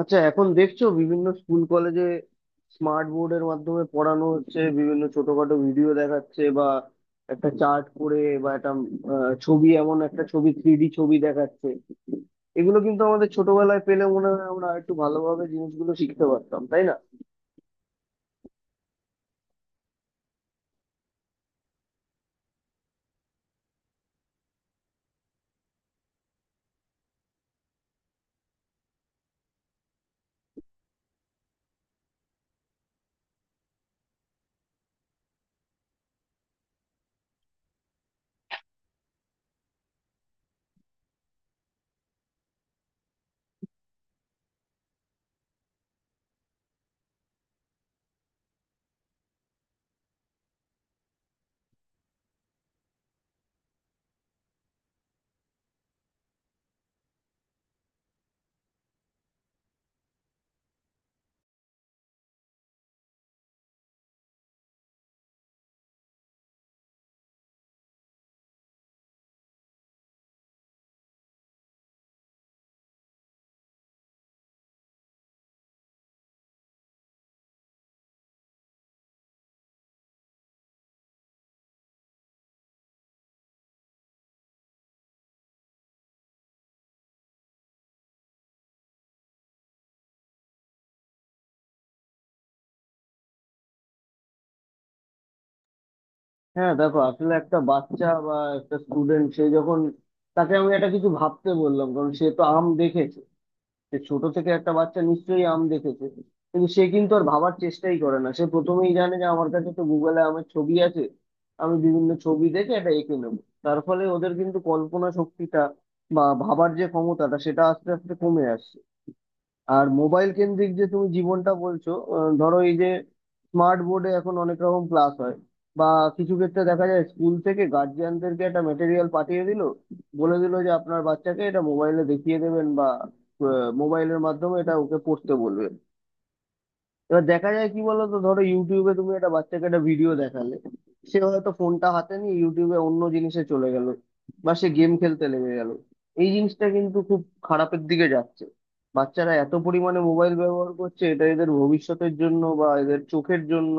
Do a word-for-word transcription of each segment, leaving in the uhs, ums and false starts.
আচ্ছা, এখন দেখছো বিভিন্ন স্কুল কলেজে স্মার্ট বোর্ডের মাধ্যমে পড়ানো হচ্ছে, বিভিন্ন ছোটখাটো ভিডিও দেখাচ্ছে বা একটা চার্ট করে বা একটা আহ, ছবি, এমন একটা ছবি থ্রিডি ছবি দেখাচ্ছে। এগুলো কিন্তু আমাদের ছোটবেলায় পেলে মনে হয় আমরা একটু ভালোভাবে জিনিসগুলো শিখতে পারতাম, তাই না? হ্যাঁ, দেখো আসলে একটা বাচ্চা বা একটা স্টুডেন্ট, সে যখন, তাকে আমি একটা কিছু ভাবতে বললাম, কারণ সে তো আম দেখেছে। সে ছোট থেকে, একটা বাচ্চা নিশ্চয়ই আম দেখেছে, কিন্তু সে কিন্তু আর ভাবার চেষ্টাই করে না। সে প্রথমেই জানে যে আমার কাছে তো গুগলে আমের ছবি আছে, আমি বিভিন্ন ছবি দেখে এটা এঁকে নেবো। তার ফলে ওদের কিন্তু কল্পনা শক্তিটা বা ভাবার যে ক্ষমতাটা, সেটা আস্তে আস্তে কমে আসছে। আর মোবাইল কেন্দ্রিক যে তুমি জীবনটা বলছো, আহ, ধরো এই যে স্মার্ট বোর্ডে এখন অনেক রকম ক্লাস হয় বা কিছু ক্ষেত্রে দেখা যায় স্কুল থেকে গার্জিয়ানদেরকে একটা মেটেরিয়াল পাঠিয়ে দিল, বলে দিল যে আপনার বাচ্চাকে এটা মোবাইলে দেখিয়ে দেবেন বা মোবাইলের মাধ্যমে এটা ওকে পড়তে বলবে। এবার দেখা যায় কি বলতো, ধরো ইউটিউবে তুমি একটা বাচ্চাকে একটা ভিডিও দেখালে, সে হয়তো ফোনটা হাতে নিয়ে ইউটিউবে অন্য জিনিসে চলে গেল বা সে গেম খেলতে লেগে গেল। এই জিনিসটা কিন্তু খুব খারাপের দিকে যাচ্ছে। বাচ্চারা এত পরিমাণে মোবাইল ব্যবহার করছে, এটা এদের ভবিষ্যতের জন্য বা এদের চোখের জন্য,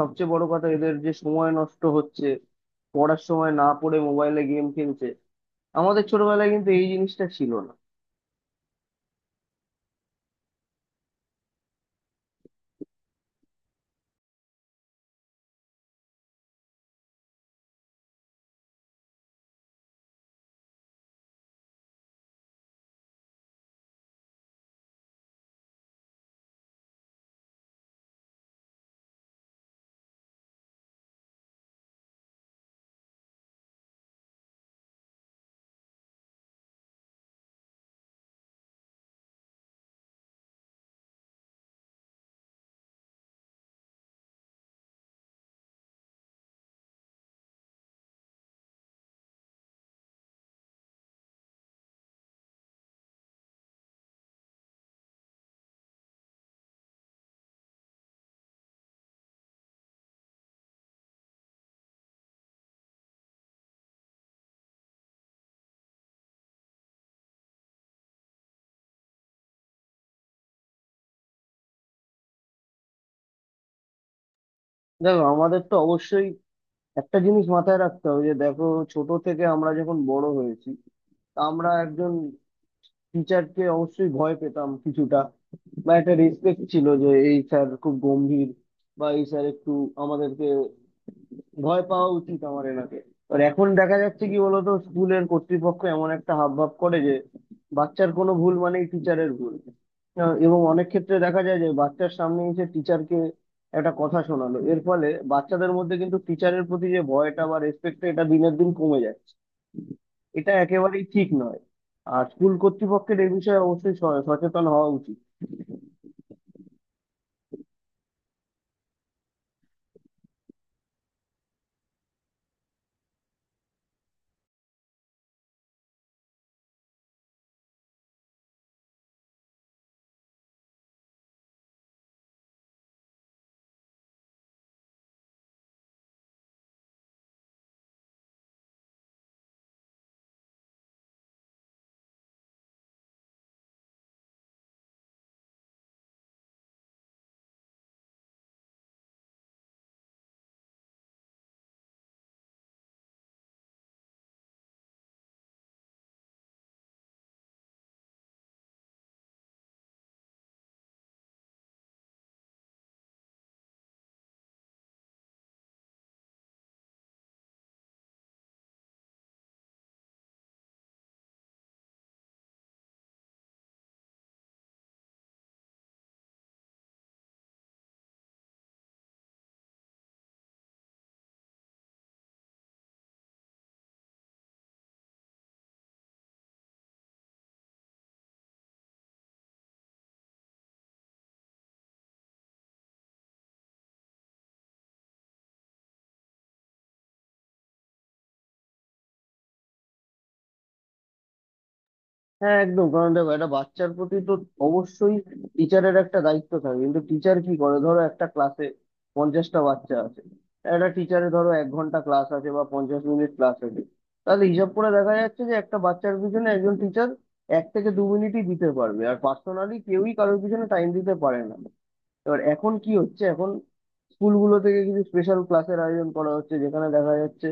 সবচেয়ে বড় কথা এদের যে সময় নষ্ট হচ্ছে, পড়ার সময় না পড়ে মোবাইলে গেম খেলছে। আমাদের ছোটবেলায় কিন্তু এই জিনিসটা ছিল না। দেখো, আমাদের তো অবশ্যই একটা জিনিস মাথায় রাখতে হবে, যে দেখো ছোট থেকে আমরা যখন বড় হয়েছি, তা আমরা একজন টিচারকে অবশ্যই ভয় পেতাম কিছুটা, বা একটা রেসপেক্ট ছিল যে এই স্যার খুব গম্ভীর বা এই স্যার একটু, আমাদেরকে ভয় পাওয়া উচিত আমার এনাকে। আর এখন দেখা যাচ্ছে কি বলতো, স্কুলের কর্তৃপক্ষ এমন একটা হাবভাব করে যে বাচ্চার কোনো ভুল মানেই টিচারের ভুল। আহ, এবং অনেক ক্ষেত্রে দেখা যায় যে বাচ্চার সামনে এসে টিচারকে একটা কথা শোনালো, এর ফলে বাচ্চাদের মধ্যে কিন্তু টিচারের প্রতি যে ভয়টা বা রেসপেক্টটা, এটা দিনের দিন কমে যাচ্ছে। এটা একেবারেই ঠিক নয়। আর স্কুল কর্তৃপক্ষের এই বিষয়ে অবশ্যই স- সচেতন হওয়া উচিত। হ্যাঁ একদম, কারণ দেখো একটা বাচ্চার প্রতি তো অবশ্যই টিচারের একটা দায়িত্ব থাকে, কিন্তু টিচার কি করে? ধরো একটা ক্লাসে পঞ্চাশটা বাচ্চা আছে, একটা টিচারে ধরো এক ঘন্টা ক্লাস আছে বা পঞ্চাশ মিনিট ক্লাস আছে। তাহলে হিসাব করে দেখা যাচ্ছে যে একটা বাচ্চার পিছনে একজন টিচার এক থেকে দু মিনিটই দিতে পারবে। আর পার্সোনালি কেউই কারোর পিছনে টাইম দিতে পারে না। এবার এখন কি হচ্ছে, এখন স্কুলগুলো থেকে কিছু স্পেশাল ক্লাসের আয়োজন করা হচ্ছে, যেখানে দেখা যাচ্ছে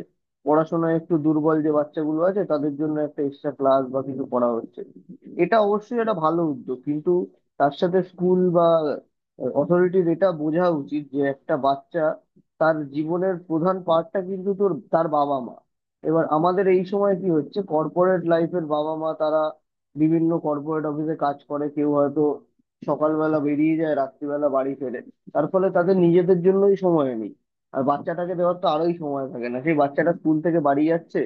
পড়াশোনায় একটু দুর্বল যে বাচ্চাগুলো আছে তাদের জন্য একটা এক্সট্রা ক্লাস বা কিছু করা হচ্ছে। এটা অবশ্যই একটা ভালো উদ্যোগ, কিন্তু তার সাথে স্কুল বা অথরিটির এটা বোঝা উচিত যে একটা বাচ্চা, তার জীবনের প্রধান পার্টটা কিন্তু তোর তার বাবা মা। এবার আমাদের এই সময় কি হচ্ছে, কর্পোরেট লাইফের বাবা মা, তারা বিভিন্ন কর্পোরেট অফিসে কাজ করে, কেউ হয়তো সকালবেলা বেরিয়ে যায়, রাত্রিবেলা বাড়ি ফেরে। তার ফলে তাদের নিজেদের জন্যই সময় নেই, আর বাচ্চাটাকে দেওয়ার তো আরোই সময় থাকে না। সেই বাচ্চাটা স্কুল থেকে বাড়ি যাচ্ছে,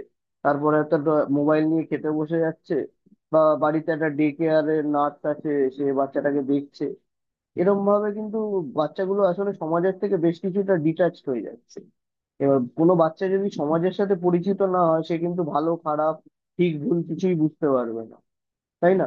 তারপরে একটা মোবাইল নিয়ে খেতে বসে যাচ্ছে, বা বাড়িতে একটা ডে কেয়ারের নার্স আছে, সে বাচ্চাটাকে দেখছে। এরকম ভাবে কিন্তু বাচ্চাগুলো আসলে সমাজের থেকে বেশ কিছুটা ডিটাচড হয়ে যাচ্ছে। এবার কোনো বাচ্চা যদি সমাজের সাথে পরিচিত না হয়, সে কিন্তু ভালো খারাপ, ঠিক ভুল কিছুই বুঝতে পারবে না, তাই না?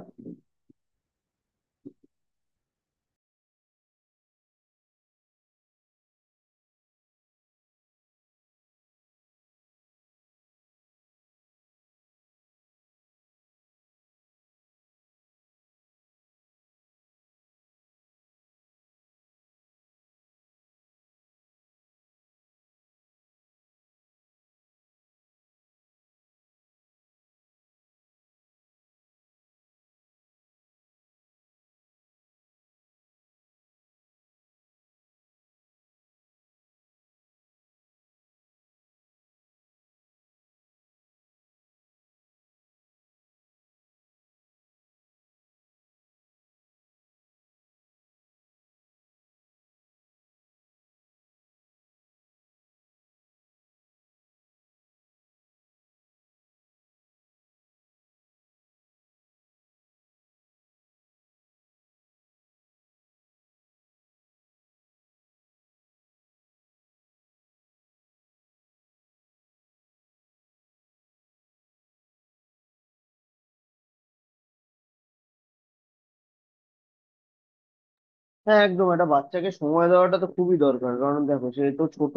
হ্যাঁ একদম, এটা বাচ্চাকে সময় দেওয়াটা তো খুবই দরকার, কারণ দেখো সে তো ছোট।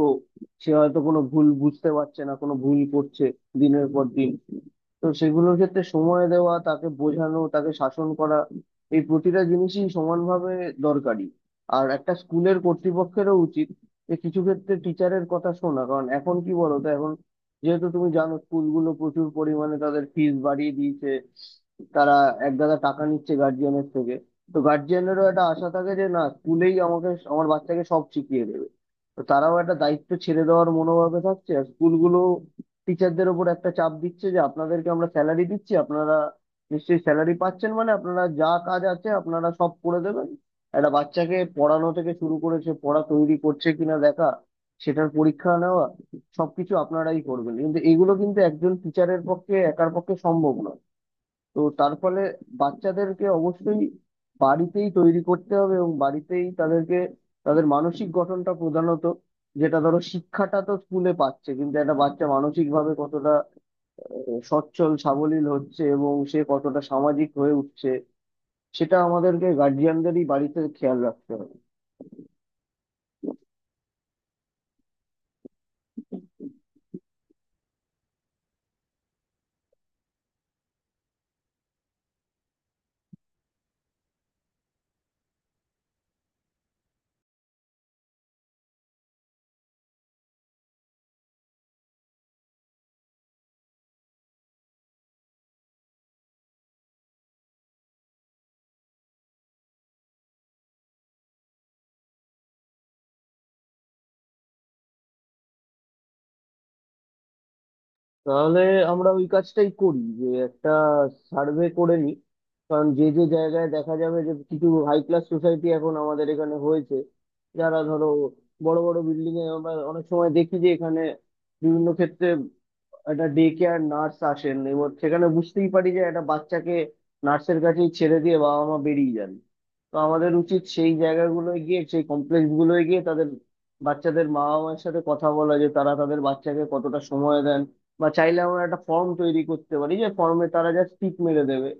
সে হয়তো কোনো ভুল বুঝতে পারছে না, কোনো ভুল করছে দিনের পর দিন। তো সেগুলোর ক্ষেত্রে সময় দেওয়া, তাকে বোঝানো, তাকে শাসন করা, এই প্রতিটা জিনিসই সমানভাবে দরকারি। আর একটা স্কুলের কর্তৃপক্ষেরও উচিত যে কিছু ক্ষেত্রে টিচারের কথা শোনা, কারণ এখন কি বলো তো, এখন যেহেতু তুমি জানো স্কুলগুলো প্রচুর পরিমাণে তাদের ফিস বাড়িয়ে দিয়েছে, তারা এক গাদা টাকা নিচ্ছে গার্জিয়ানের থেকে। তো গার্জিয়ানেরও একটা আশা থাকে যে না, স্কুলেই আমাকে আমার বাচ্চাকে সব শিখিয়ে দেবে। তো তারাও একটা দায়িত্ব ছেড়ে দেওয়ার মনোভাবে থাকছে, আর স্কুলগুলো টিচারদের ওপর একটা চাপ দিচ্ছে যে আপনাদেরকে আমরা স্যালারি দিচ্ছি, আপনারা নিশ্চয়ই স্যালারি পাচ্ছেন, মানে আপনারা যা কাজ আছে আপনারা সব করে দেবেন। একটা বাচ্চাকে পড়ানো থেকে শুরু করে সে পড়া তৈরি করছে কিনা দেখা, সেটার পরীক্ষা নেওয়া, সবকিছু আপনারাই করবেন, কিন্তু এগুলো কিন্তু একজন টিচারের পক্ষে একার পক্ষে সম্ভব নয়। তো তার ফলে বাচ্চাদেরকে অবশ্যই বাড়িতেই তৈরি করতে হবে এবং বাড়িতেই তাদেরকে, তাদের মানসিক গঠনটা প্রধানত, যেটা ধরো শিক্ষাটা তো স্কুলে পাচ্ছে, কিন্তু একটা বাচ্চা মানসিক ভাবে কতটা আহ, সচ্ছল, সাবলীল হচ্ছে এবং সে কতটা সামাজিক হয়ে উঠছে, সেটা আমাদেরকে গার্জিয়ানদেরই বাড়িতে খেয়াল রাখতে হবে। তাহলে আমরা ওই কাজটাই করি, যে একটা সার্ভে করে নিই। কারণ যে যে জায়গায় দেখা যাবে, যে কিছু হাই ক্লাস সোসাইটি এখন আমাদের এখানে হয়েছে, যারা ধরো বড় বড় বিল্ডিং এ, আমরা অনেক সময় দেখি যে এখানে বিভিন্ন ক্ষেত্রে একটা ডে কেয়ার নার্স আসেন, এবং সেখানে বুঝতেই পারি যে একটা বাচ্চাকে নার্সের কাছেই ছেড়ে দিয়ে বাবা মা বেরিয়ে যান। তো আমাদের উচিত সেই জায়গাগুলোয় গিয়ে, সেই কমপ্লেক্স গুলোয় গিয়ে তাদের বাচ্চাদের মা বাবার সাথে কথা বলা, যে তারা তাদের বাচ্চাকে কতটা সময় দেন। বা চাইলে আমরা একটা ফর্ম তৈরি করতে পারি, যে ফর্মে তারা জাস্ট টিক মেরে দেবে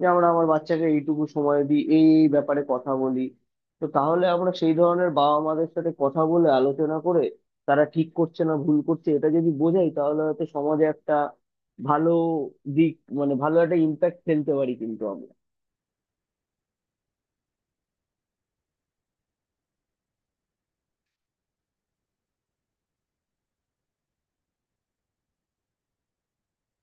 যে আমরা আমার বাচ্চাকে এইটুকু সময় দিই, এই এই ব্যাপারে কথা বলি। তো তাহলে আমরা সেই ধরনের বাবা মাদের সাথে কথা বলে, আলোচনা করে, তারা ঠিক করছে না ভুল করছে এটা যদি বোঝাই, তাহলে হয়তো সমাজে একটা ভালো দিক, মানে ভালো একটা ইম্প্যাক্ট ফেলতে পারি কিন্তু আমরা।